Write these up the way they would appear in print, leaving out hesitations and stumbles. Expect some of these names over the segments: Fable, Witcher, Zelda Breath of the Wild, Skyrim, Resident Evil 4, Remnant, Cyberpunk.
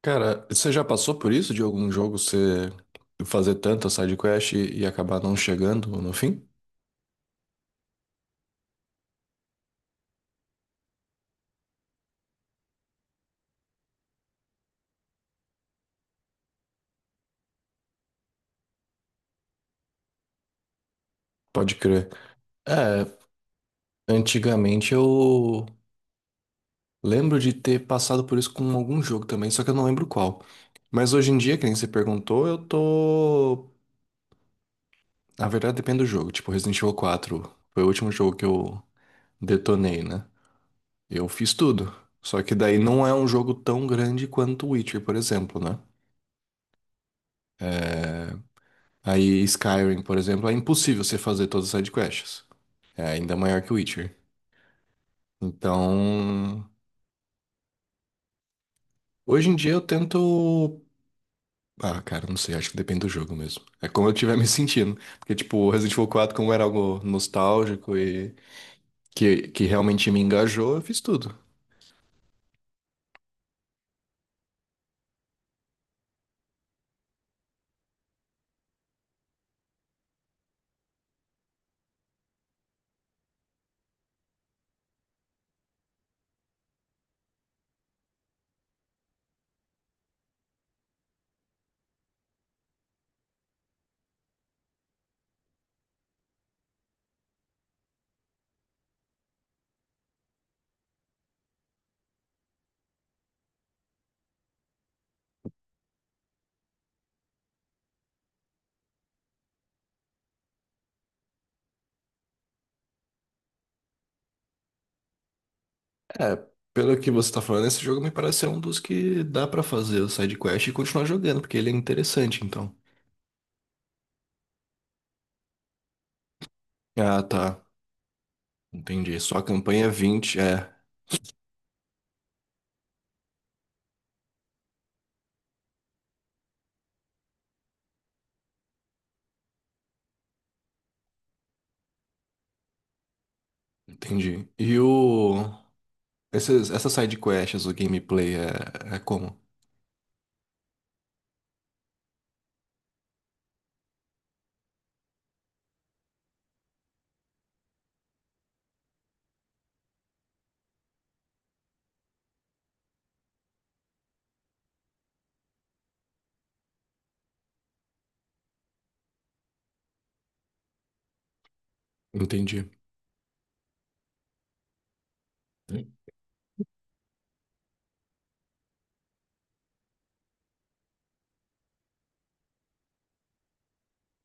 Cara, você já passou por isso de algum jogo você fazer tanta side quest e acabar não chegando no fim? Pode crer. É, antigamente eu lembro de ter passado por isso com algum jogo também, só que eu não lembro qual. Mas hoje em dia, que nem você perguntou, eu tô. Na verdade, depende do jogo. Tipo, Resident Evil 4 foi o último jogo que eu detonei, né? Eu fiz tudo. Só que daí não é um jogo tão grande quanto o Witcher, por exemplo, né? Aí Skyrim, por exemplo, é impossível você fazer todas as sidequests. É ainda maior que Witcher. Então, hoje em dia eu tento. Ah, cara, não sei, acho que depende do jogo mesmo. É como eu estiver me sentindo. Porque, tipo, o Resident Evil quatro, como era algo nostálgico e que realmente me engajou, eu fiz tudo. É, pelo que você tá falando, esse jogo me parece ser um dos que dá pra fazer o sidequest e continuar jogando, porque ele é interessante, então. Ah, tá. Entendi. Só a campanha é 20, é. Entendi. E o. Essas side quests, o gameplay é como? Entendi. Hum.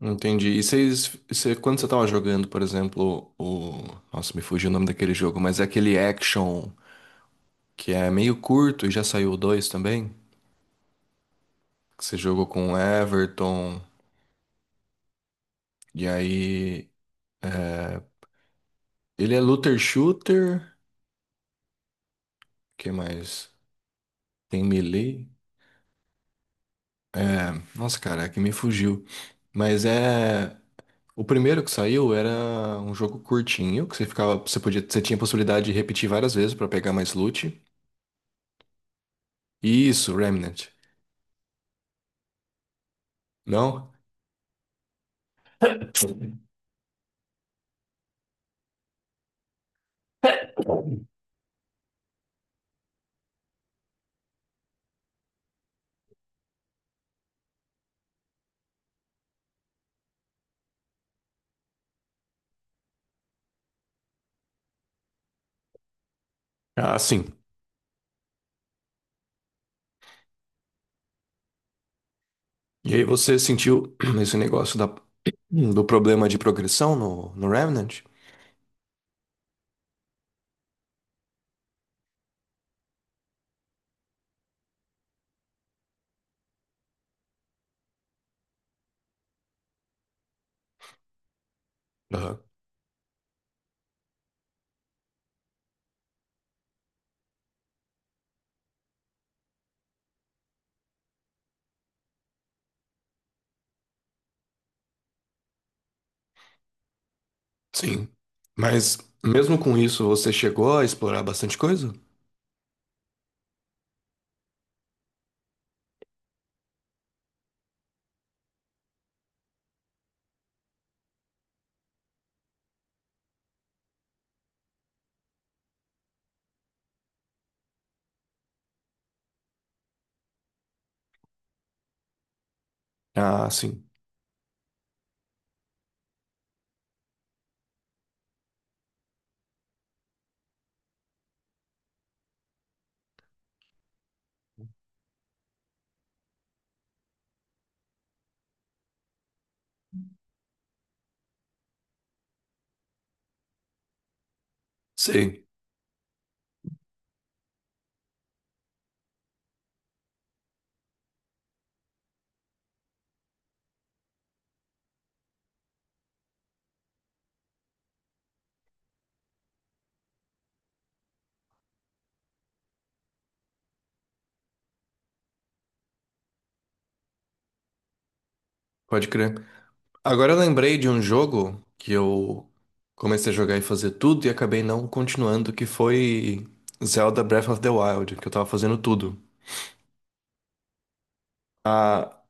Entendi. E vocês, você- quando você tava jogando, por exemplo, o. Nossa, me fugiu o nome daquele jogo, mas é aquele action que é meio curto e já saiu o 2 também. Que você jogou com o Everton. E aí. É, ele é looter shooter. Que mais? Tem melee. É, nossa, cara, é que me fugiu. Mas é. O primeiro que saiu era um jogo curtinho, que você ficava, você podia, você tinha a possibilidade de repetir várias vezes pra pegar mais loot. Isso, Remnant. Não? Ah, sim. E aí você sentiu esse negócio da, do problema de progressão no, no Remnant? Aham. Sim. Mas mesmo com isso, você chegou a explorar bastante coisa? Ah, sim. Sei. Pode crer. Agora eu lembrei de um jogo que eu comecei a jogar e fazer tudo e acabei não continuando, que foi Zelda Breath of the Wild, que eu tava fazendo tudo. Ah,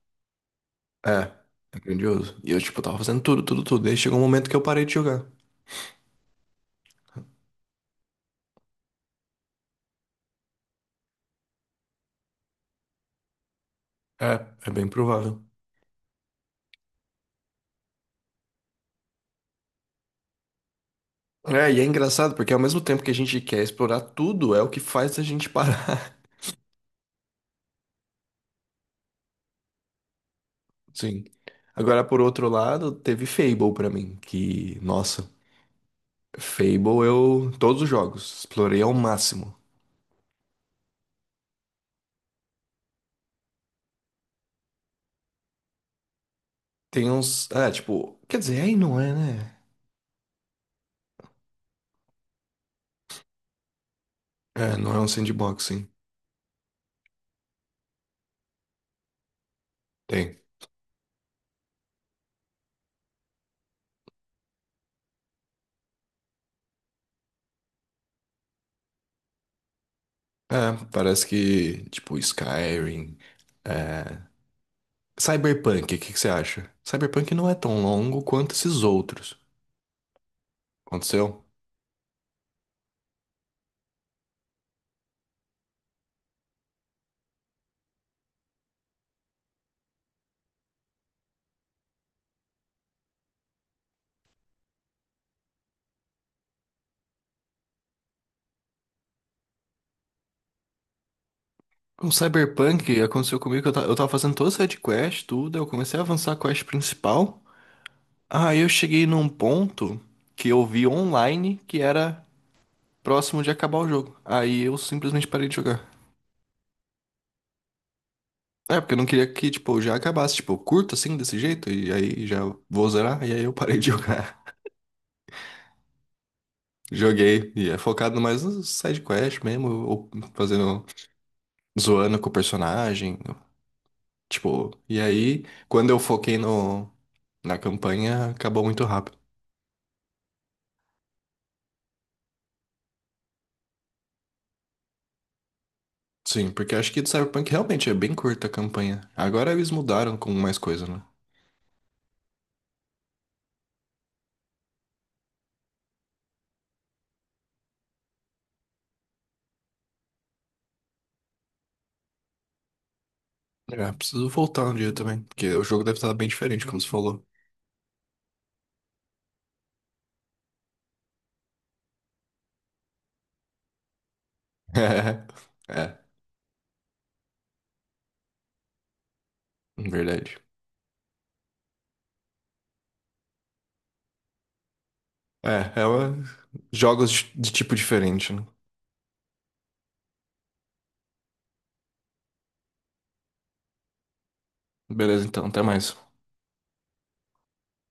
é, é grandioso. E eu, tipo, tava fazendo tudo, tudo, tudo. E aí chegou um momento que eu parei de jogar. É, é bem provável. É, e é engraçado, porque ao mesmo tempo que a gente quer explorar tudo, é o que faz a gente parar. Sim. Agora, por outro lado, teve Fable pra mim, que, nossa, Fable eu, todos os jogos, explorei ao máximo. Tem uns. É, tipo. Quer dizer, aí não é, né? É, não é um sandbox, sim. Tem. É, parece que. Tipo, Skyrim. É... Cyberpunk, o que que você acha? Cyberpunk não é tão longo quanto esses outros. Aconteceu? Com Cyberpunk, aconteceu comigo que eu, ta- eu tava fazendo toda essa quest, tudo. Eu comecei a avançar a quest principal. Aí eu cheguei num ponto que eu vi online que era próximo de acabar o jogo. Aí eu simplesmente parei de jogar. É, porque eu não queria que, tipo, já acabasse, tipo, curto assim, desse jeito, e aí já vou zerar, e aí eu parei de jogar. Joguei, e é focado mais no side quest mesmo, ou fazendo, zoando com o personagem, tipo, e aí, quando eu foquei no, na campanha, acabou muito rápido. Sim, porque acho que do Cyberpunk realmente é bem curta a campanha. Agora eles mudaram com mais coisa, né? É, preciso voltar um dia também, porque o jogo deve estar bem diferente, como você falou. É, é, verdade. É, ela jogos de tipo diferente, né? Beleza, então, até mais.